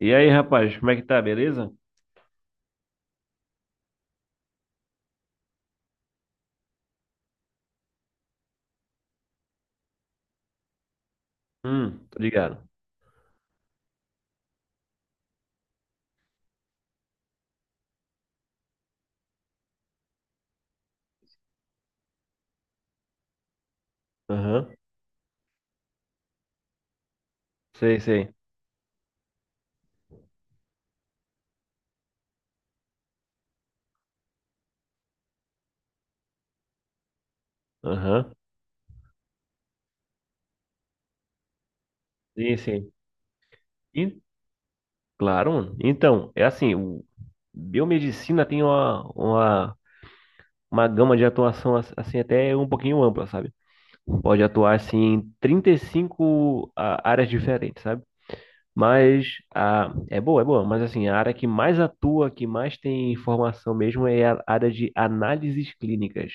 E aí, rapaz, como é que tá? Beleza? Tô ligado. Aham, sei, sei. Aham, sim, sim. E, claro, mano. Então, é assim, o biomedicina tem uma uma gama de atuação, assim, até um pouquinho ampla, sabe? Pode atuar, assim, em 35 áreas diferentes, sabe? Mas é boa, mas, assim, a área que mais atua, que mais tem informação mesmo é a área de análises clínicas.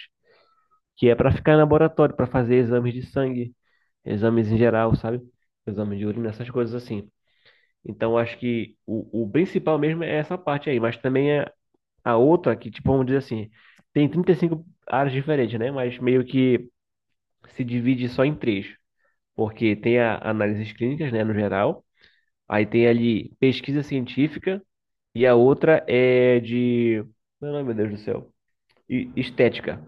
Que é para ficar em laboratório, para fazer exames de sangue, exames em geral, sabe? Exame de urina, essas coisas assim. Então, acho que o principal mesmo é essa parte aí, mas também é a outra que, tipo, vamos dizer assim, tem 35 áreas diferentes, né? Mas meio que se divide só em três, porque tem a análises clínicas, né, no geral, aí tem ali pesquisa científica e a outra é de... Meu nome, meu Deus do céu. Estética.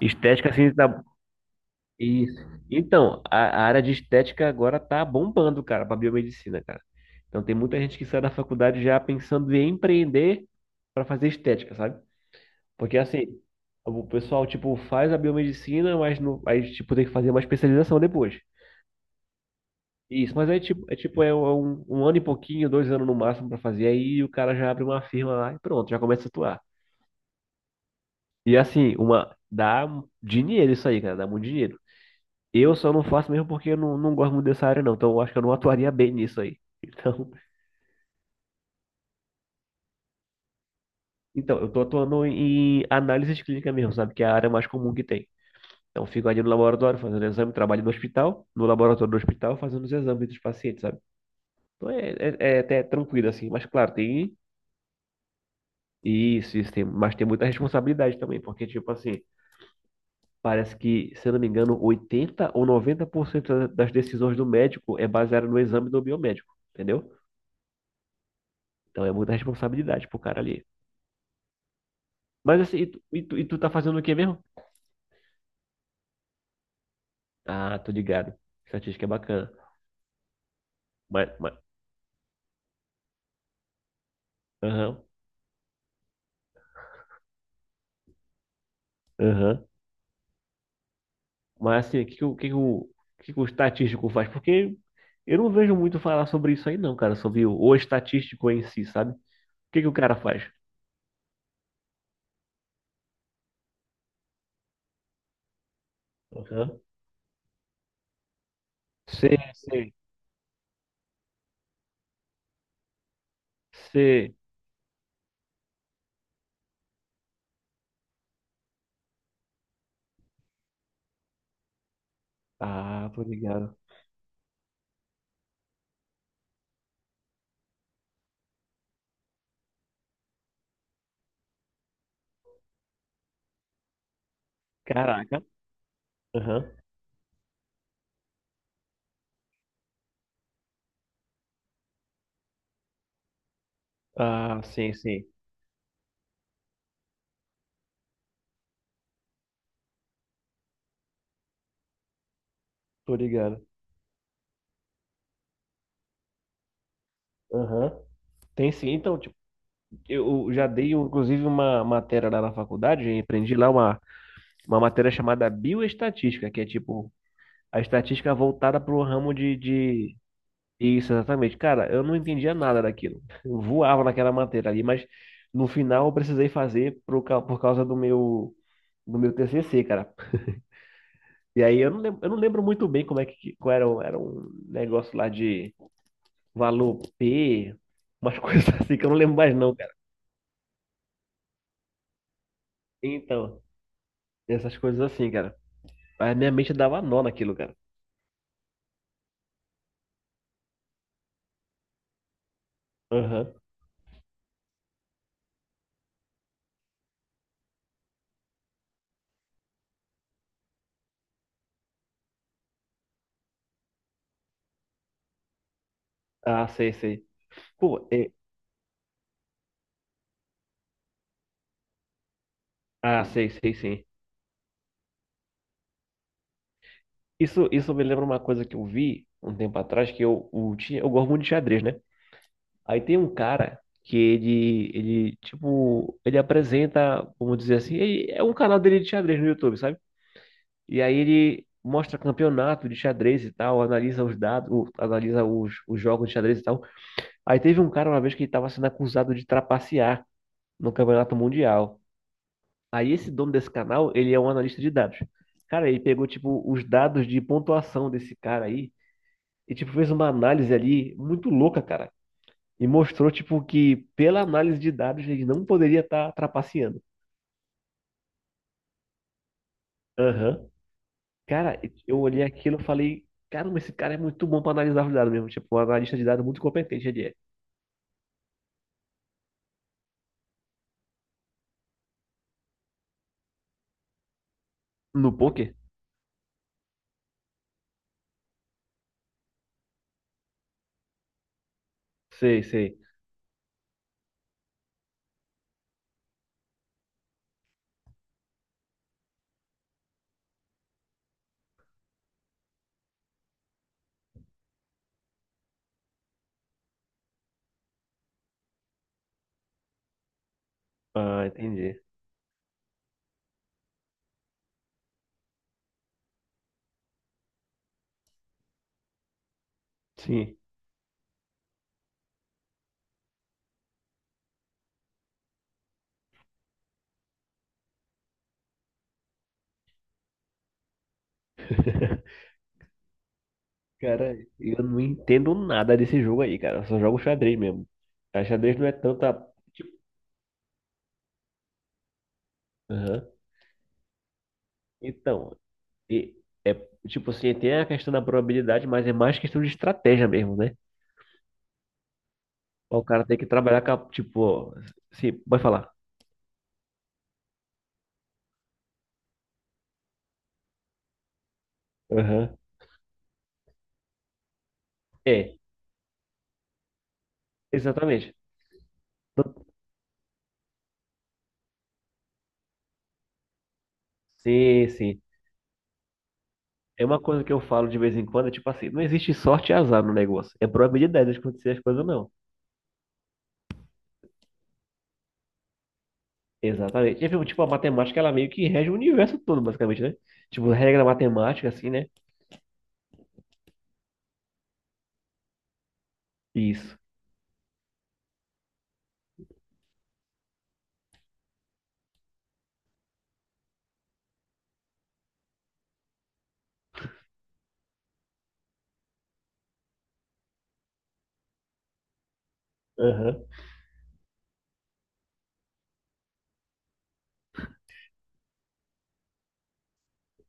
Estética, assim, da. Isso. Então, a área de estética agora tá bombando, cara, para biomedicina, cara. Então tem muita gente que sai da faculdade já pensando em empreender para fazer estética, sabe? Porque assim, o pessoal tipo faz a biomedicina, mas não, aí tipo tem que fazer uma especialização depois. Isso, mas aí tipo, é um, um ano e pouquinho, dois anos no máximo para fazer, aí o cara já abre uma firma lá e pronto, já começa a atuar. E assim, uma dá dinheiro isso aí, cara, dá muito dinheiro. Eu só não faço mesmo porque eu não gosto muito dessa área, não. Então, eu acho que eu não atuaria bem nisso aí. Então eu tô atuando em análise de clínica mesmo, sabe? Que é a área mais comum que tem. Então, eu fico ali no laboratório fazendo exame, trabalho no hospital, no laboratório do hospital fazendo os exames dos pacientes, sabe? Então, é até tranquilo, assim. Mas, claro, tem isso, isso tem, mas tem muita responsabilidade também, porque, tipo assim, parece que, se eu não me engano, 80 ou 90% das decisões do médico é baseada no exame do biomédico, entendeu? Então, é muita responsabilidade pro cara ali. Mas assim, e tu tá fazendo o quê mesmo? Ah, tô ligado. Estatística é bacana. Mas, mas, aham, aham. Mas assim, o que que o estatístico faz? Porque eu não vejo muito falar sobre isso aí, não, cara. Sobre o estatístico em si, sabe? O que que o cara faz? Aham. C, C, C. Ah, tô ligado. Caraca. Aham. Ah, sim, sim. Tô ligado. Aham. Tem sim. Então, tipo, eu já dei, inclusive, uma matéria lá na faculdade, aprendi lá uma matéria chamada bioestatística, que é tipo a estatística voltada para o ramo de, de. Isso, exatamente. Cara, eu não entendia nada daquilo. Eu voava naquela matéria ali, mas no final eu precisei fazer por, por causa do meu. Do meu TCC, cara. E aí eu não lembro muito bem como é que qual era, era um negócio lá de valor P, umas coisas assim que eu não lembro mais não, cara. Então, essas coisas assim, cara. A minha mente dava nó naquilo, cara. Aham. Ah, sei, sei. Pô, é. Ah, sei, sei, sim. Isso me lembra uma coisa que eu vi um tempo atrás, que eu gosto muito de xadrez, né? Aí tem um cara que ele apresenta, vamos dizer assim, é um canal dele de xadrez no YouTube, sabe? E aí ele mostra campeonato de xadrez e tal, analisa os dados, analisa os jogos de xadrez e tal. Aí teve um cara uma vez que ele estava sendo acusado de trapacear no campeonato mundial. Aí esse dono desse canal, ele é um analista de dados. Cara, ele pegou, tipo, os dados de pontuação desse cara aí e, tipo, fez uma análise ali muito louca, cara. E mostrou, tipo, que pela análise de dados ele não poderia estar trapaceando. Aham. Cara, eu olhei aquilo e falei, caramba, esse cara é muito bom pra analisar os dados mesmo. Tipo, um analista de dados muito competente ele é. No poker? Sei, sei. Ah, entendi. Sim. Cara, eu não entendo nada desse jogo aí, cara. Eu só jogo xadrez mesmo. A xadrez não é tanta. Tipo, aham. Então, e- é tipo assim, tem a questão da probabilidade, mas é mais questão de estratégia mesmo, né? O cara tem que trabalhar com a, tipo, sim, pode falar. Aham. É, exatamente. Sim, sim. É uma coisa que eu falo de vez em quando, é tipo assim, não existe sorte e azar no negócio. É probabilidade de acontecer as coisas, ou não. Exatamente. E, tipo, a matemática, ela meio que rege o universo todo, basicamente, né? Tipo, regra matemática, assim, né? Isso. Aham.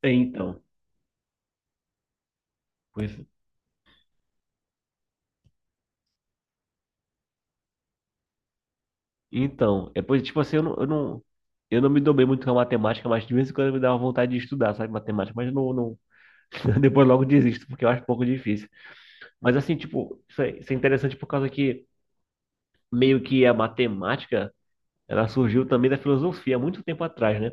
É, Então, pois, então, tipo assim, eu não me dou bem muito com a matemática, mas de vez em quando me dá uma vontade de estudar, sabe, matemática, mas eu não, não, depois logo desisto, porque eu acho um pouco difícil. Mas, assim, tipo, isso é interessante por causa que meio que a matemática, ela surgiu também da filosofia há muito tempo atrás, né?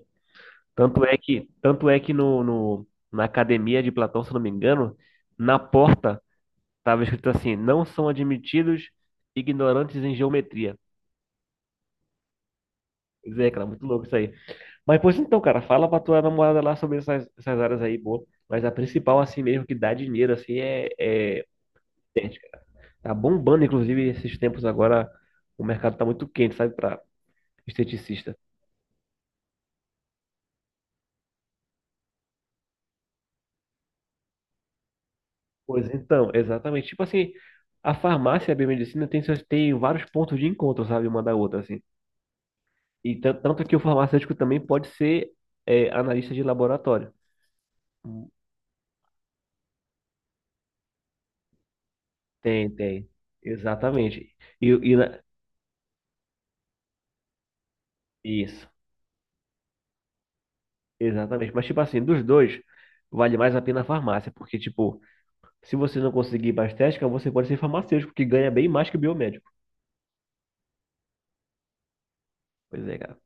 Tanto é que na academia de Platão, se não me engano, na porta estava escrito assim: não são admitidos ignorantes em geometria. Pois é, cara, muito louco isso aí. Mas, pois então, cara, fala pra tua namorada lá sobre essas áreas aí, boa. Mas a principal, assim mesmo, que dá dinheiro, assim, é estética. Tá bombando, inclusive, esses tempos agora, o mercado tá muito quente, sabe, pra esteticista. Pois então, exatamente. Tipo assim, a farmácia e a biomedicina tem, tem vários pontos de encontro, sabe, uma da outra, assim. Tanto que o farmacêutico também pode ser analista de laboratório. Hum. Tem, tem. Exatamente. E, e na- isso, exatamente. Mas, tipo assim, dos dois, vale mais a pena a farmácia, porque, tipo, se você não conseguir mais técnica, você pode ser farmacêutico, que ganha bem mais que o biomédico. Pois é, cara.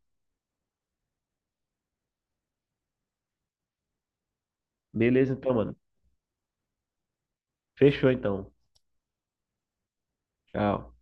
Beleza, então, mano. Fechou, então. Tchau.